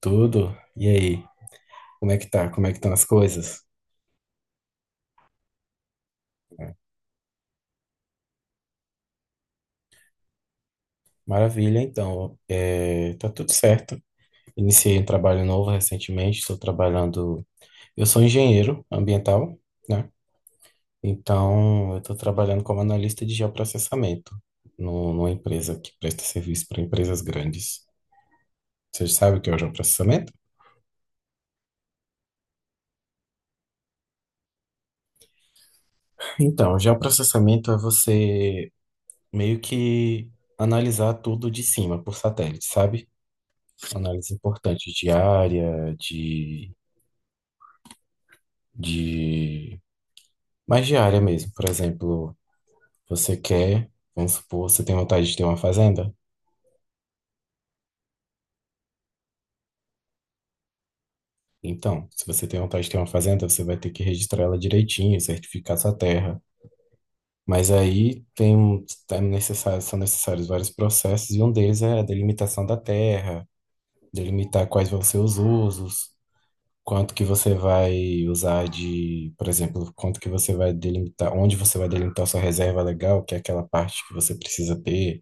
Tudo? E aí? Como é que tá? Como é que estão as coisas? É, maravilha, então. É, tá tudo certo. Iniciei um trabalho novo recentemente. Estou trabalhando. Eu sou engenheiro ambiental, né? Então, eu estou trabalhando como analista de geoprocessamento no, numa empresa que presta serviço para empresas grandes. Você sabe o que é o geoprocessamento? Então, o geoprocessamento é você meio que analisar tudo de cima por satélite, sabe? Análise importante de áreade... Mais de área mesmo. Por exemplo, você quer, vamos supor, você tem vontade de ter uma fazenda? Então, se você tem vontade de ter uma fazenda, você vai ter que registrar ela direitinho, certificar sua terra. Mas aí tem, é necessário, são necessários vários processos, e um deles é a delimitação da terra, delimitar quais vão ser os usos. Quanto que você vai usar de, por exemplo, quanto que você vai delimitar, onde você vai delimitar sua reserva legal, que é aquela parte que você precisa ter,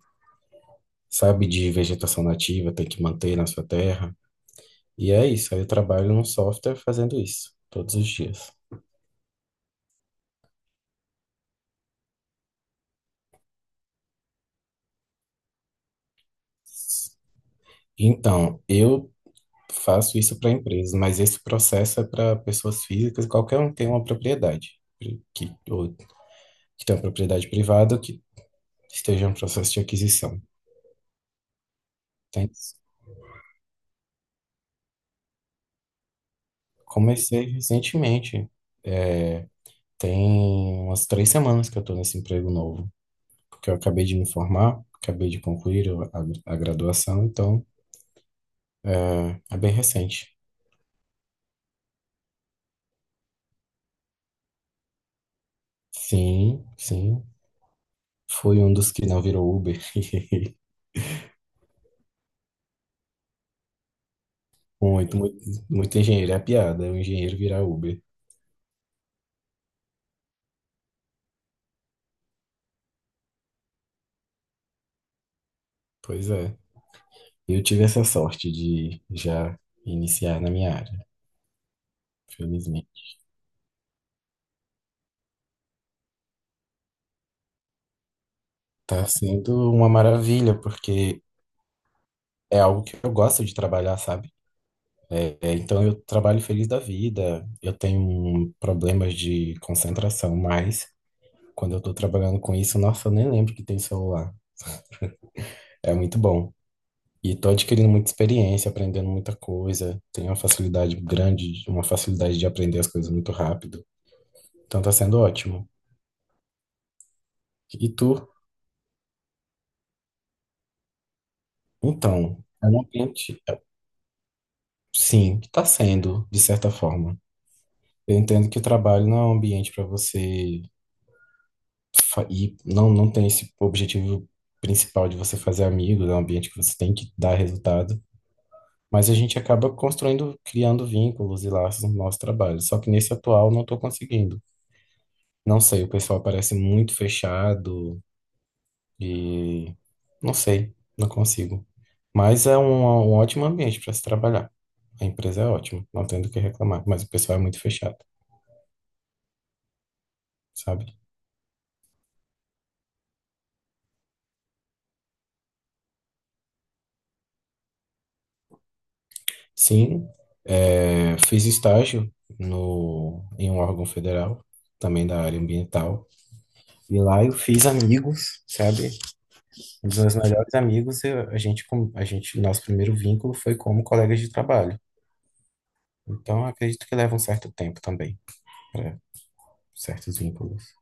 sabe, de vegetação nativa, tem que manter na sua terra. E é isso, aí eu trabalho num software fazendo isso, todos os dias. Então, eu faço isso para empresas, mas esse processo é para pessoas físicas, qualquer um que tem uma propriedade, que, ou, que tem uma propriedade privada, ou que esteja em um processo de aquisição. Tem. Comecei recentemente. É, tem umas 3 semanas que eu estou nesse emprego novo, porque eu acabei de me formar, acabei de concluir a graduação, então é bem recente. Sim, sim. Fui um dos que não virou Uber. Muito, muito, muito engenheiro é piada, é um engenheiro virar Uber. Pois é. Eu tive essa sorte de já iniciar na minha área, felizmente. Tá sendo uma maravilha, porque é algo que eu gosto de trabalhar, sabe? É, então eu trabalho feliz da vida. Eu tenho problemas de concentração, mas quando eu tô trabalhando com isso, nossa, eu nem lembro que tem celular. É muito bom. E tô adquirindo muita experiência, aprendendo muita coisa. Tenho uma facilidade grande, uma facilidade de aprender as coisas muito rápido. Então tá sendo ótimo. E tu? Então, é um ambiente, sim, tá sendo, de certa forma. Eu entendo que o trabalho não é um ambiente para você e não tem esse objetivo principal de você fazer amigos, é um ambiente que você tem que dar resultado, mas a gente acaba construindo, criando vínculos e laços no nosso trabalho. Só que nesse atual não estou conseguindo. Não sei, o pessoal parece muito fechado e não sei, não consigo. Mas é um ótimo ambiente para se trabalhar. A empresa é ótima, não tenho do que reclamar, mas o pessoal é muito fechado, sabe? Sim, fiz estágio no, em um órgão federal, também da área ambiental, e lá eu fiz amigos, sabe? Um dos meus melhores amigos, a gente, a gente, nosso primeiro vínculo foi como colegas de trabalho. Então, acredito que leva um certo tempo também para certos vínculos.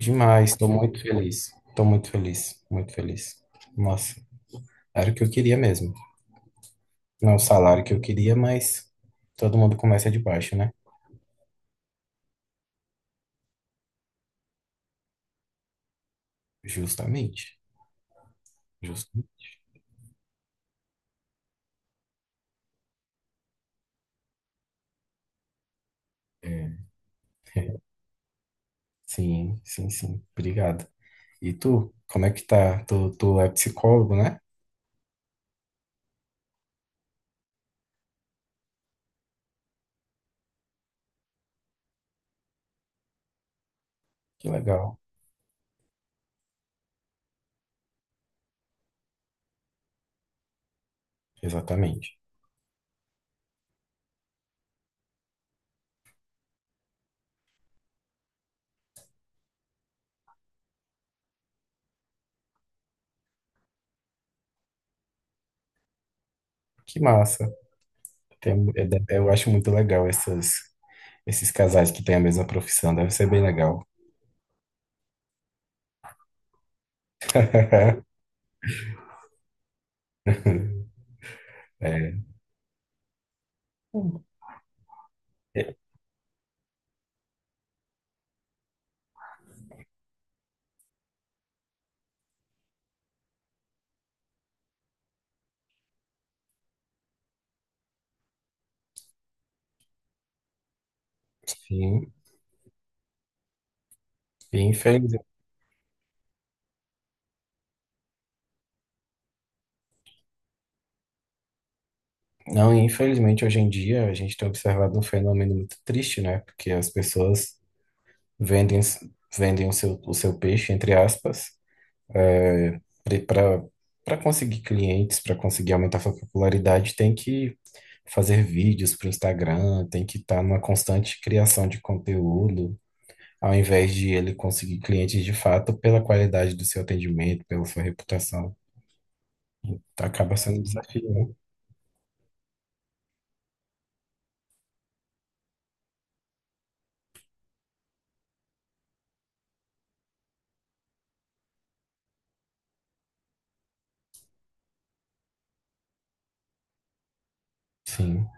Demais, estou muito feliz, muito feliz. Nossa, era o que eu queria mesmo. Não o salário que eu queria, mas todo mundo começa de baixo, né? Justamente, justamente. Sim, sim, sim. Obrigado. E tu, como é que tá? Tu, tu é psicólogo, né? Que legal. Exatamente. Que massa. Eu acho muito legal esses casais que têm a mesma profissão. Deve ser bem legal. É, é, sim. E infeliz... Não, e infelizmente, hoje em dia, a gente tem observado um fenômeno muito triste, né? Porque as pessoas vendem, vendem o seu peixe, entre aspas, Para para conseguir clientes, para conseguir aumentar sua popularidade, tem que fazer vídeos para o Instagram, tem que estar numa constante criação de conteúdo, ao invés de ele conseguir clientes de fato pela qualidade do seu atendimento, pela sua reputação. Tá, acaba sendo um desafio, né? Sim,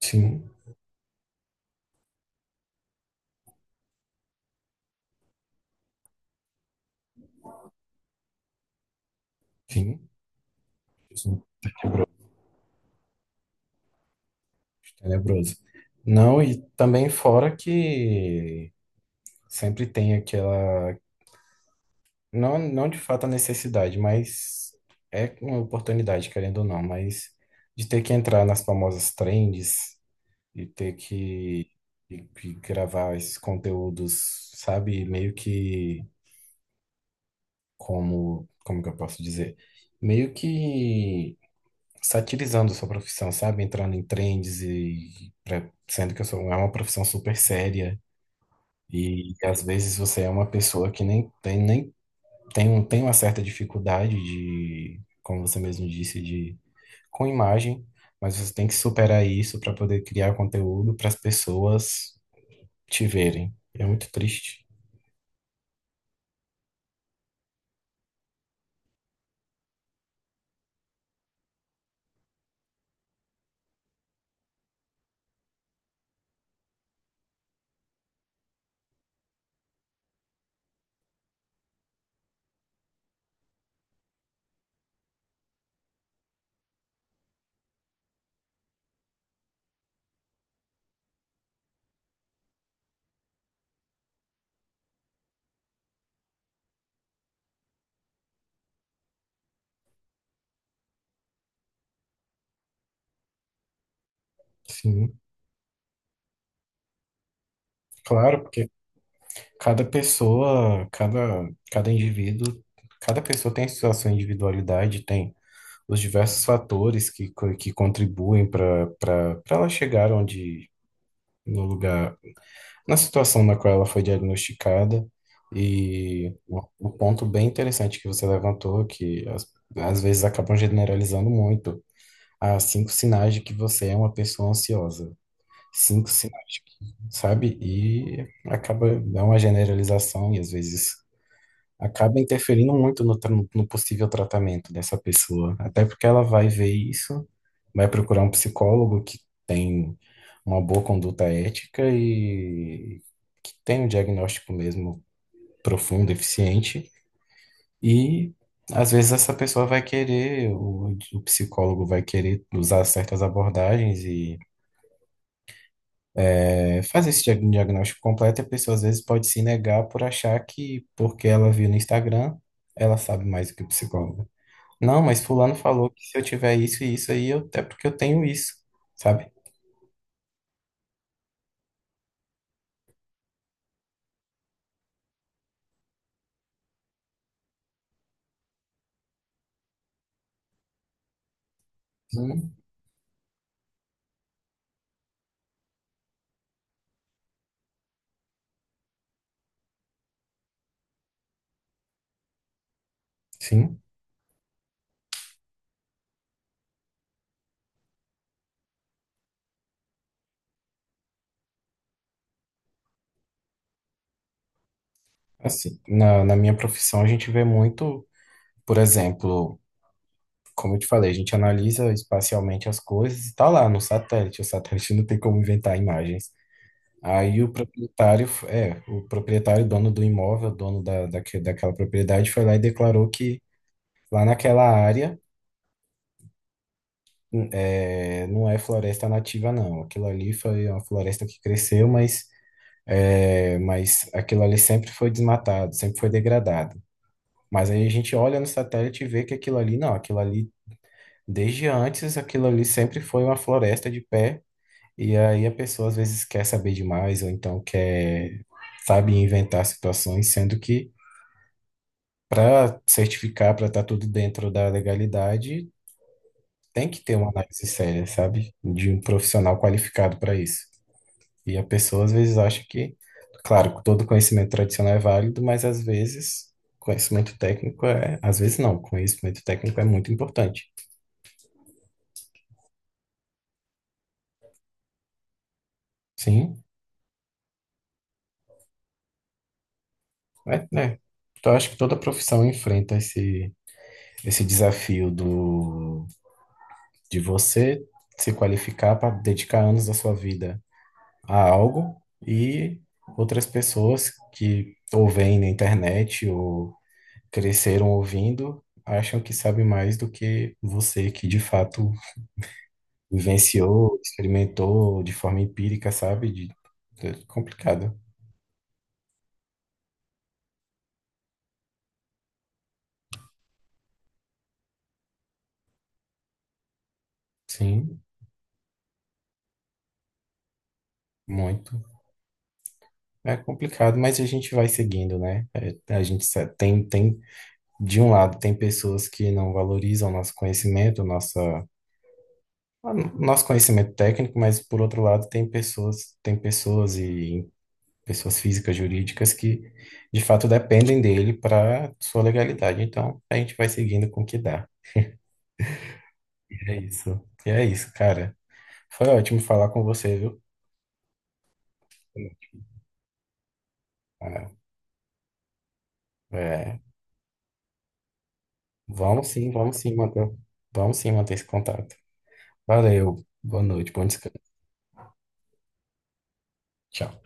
sim, sim, sim, tenebroso. Não, e também fora que sempre tem aquela. Não, não de fato a necessidade, mas é uma oportunidade, querendo ou não, mas de ter que entrar nas famosas trends e ter que, que gravar esses conteúdos, sabe? Meio que como, como que eu posso dizer? Meio que satirizando sua profissão, sabe? Entrando em trends e sendo que eu sou, é uma profissão super séria. E às vezes você é uma pessoa que nem tem nem tem, um- tem uma certa dificuldade de, como você mesmo disse, de com imagem, mas você tem que superar isso para poder criar conteúdo para as pessoas te verem. É muito triste. Sim, claro, porque cada pessoa, cada indivíduo, cada pessoa tem a sua individualidade, tem os diversos fatores que, que contribuem para ela chegar onde, no lugar na situação na qual ela foi diagnosticada. E um ponto bem interessante que você levantou, que às vezes acabam generalizando muito, há cinco sinais de que você é uma pessoa ansiosa. Cinco sinais, sabe? E acaba, dá uma generalização e às vezes acaba interferindo muito no possível tratamento dessa pessoa. Até porque ela vai ver isso, vai procurar um psicólogo que tem uma boa conduta ética e que tem um diagnóstico mesmo profundo, eficiente. E às vezes essa pessoa vai querer, o psicólogo vai querer usar certas abordagens e é, fazer esse diagnóstico completo. E a pessoa às vezes pode se negar por achar que porque ela viu no Instagram, ela sabe mais do que o psicólogo. Não, mas fulano falou que se eu tiver isso e isso aí, eu, é porque eu tenho isso, sabe? Sim, sim. Assim, na minha profissão a gente vê muito, por exemplo, como eu te falei, a gente analisa espacialmente as coisas e tá lá no satélite. O satélite não tem como inventar imagens. Aí o proprietário, dono do imóvel, dono da, daquela propriedade, foi lá e declarou que lá naquela área é, não é floresta nativa, não. Aquilo ali foi uma floresta que cresceu, mas é, mas aquilo ali sempre foi desmatado, sempre foi degradado. Mas aí a gente olha no satélite e vê que aquilo ali, não, aquilo ali, desde antes, aquilo ali sempre foi uma floresta de pé. E aí a pessoa às vezes quer saber demais, ou então quer, sabe, inventar situações, sendo que para certificar, para estar tudo dentro da legalidade, tem que ter uma análise séria, sabe? De um profissional qualificado para isso. E a pessoa às vezes acha que, claro, todo conhecimento tradicional é válido, mas às vezes conhecimento técnico é, às vezes não, conhecimento técnico é muito importante. Sim, é, né? Então, eu acho que toda profissão enfrenta esse, esse desafio do, de você se qualificar para dedicar anos da sua vida a algo e outras pessoas que ou veem na internet ou cresceram ouvindo acham que sabe mais do que você que de fato vivenciou, experimentou de forma empírica, sabe? De, complicado. Sim, muito. É complicado, mas a gente vai seguindo, né? É, a gente tem, de um lado, tem pessoas que não valorizam o nosso conhecimento, nossa, nosso conhecimento técnico, mas por outro lado, tem pessoas e pessoas físicas, jurídicas que de fato dependem dele para sua legalidade. Então, a gente vai seguindo com o que dá. E é isso. E é isso, cara. Foi ótimo falar com você, viu? É, vamos sim, vamos sim manter, vamos sim manter esse contato. Valeu, boa noite, bom descanso. Tchau.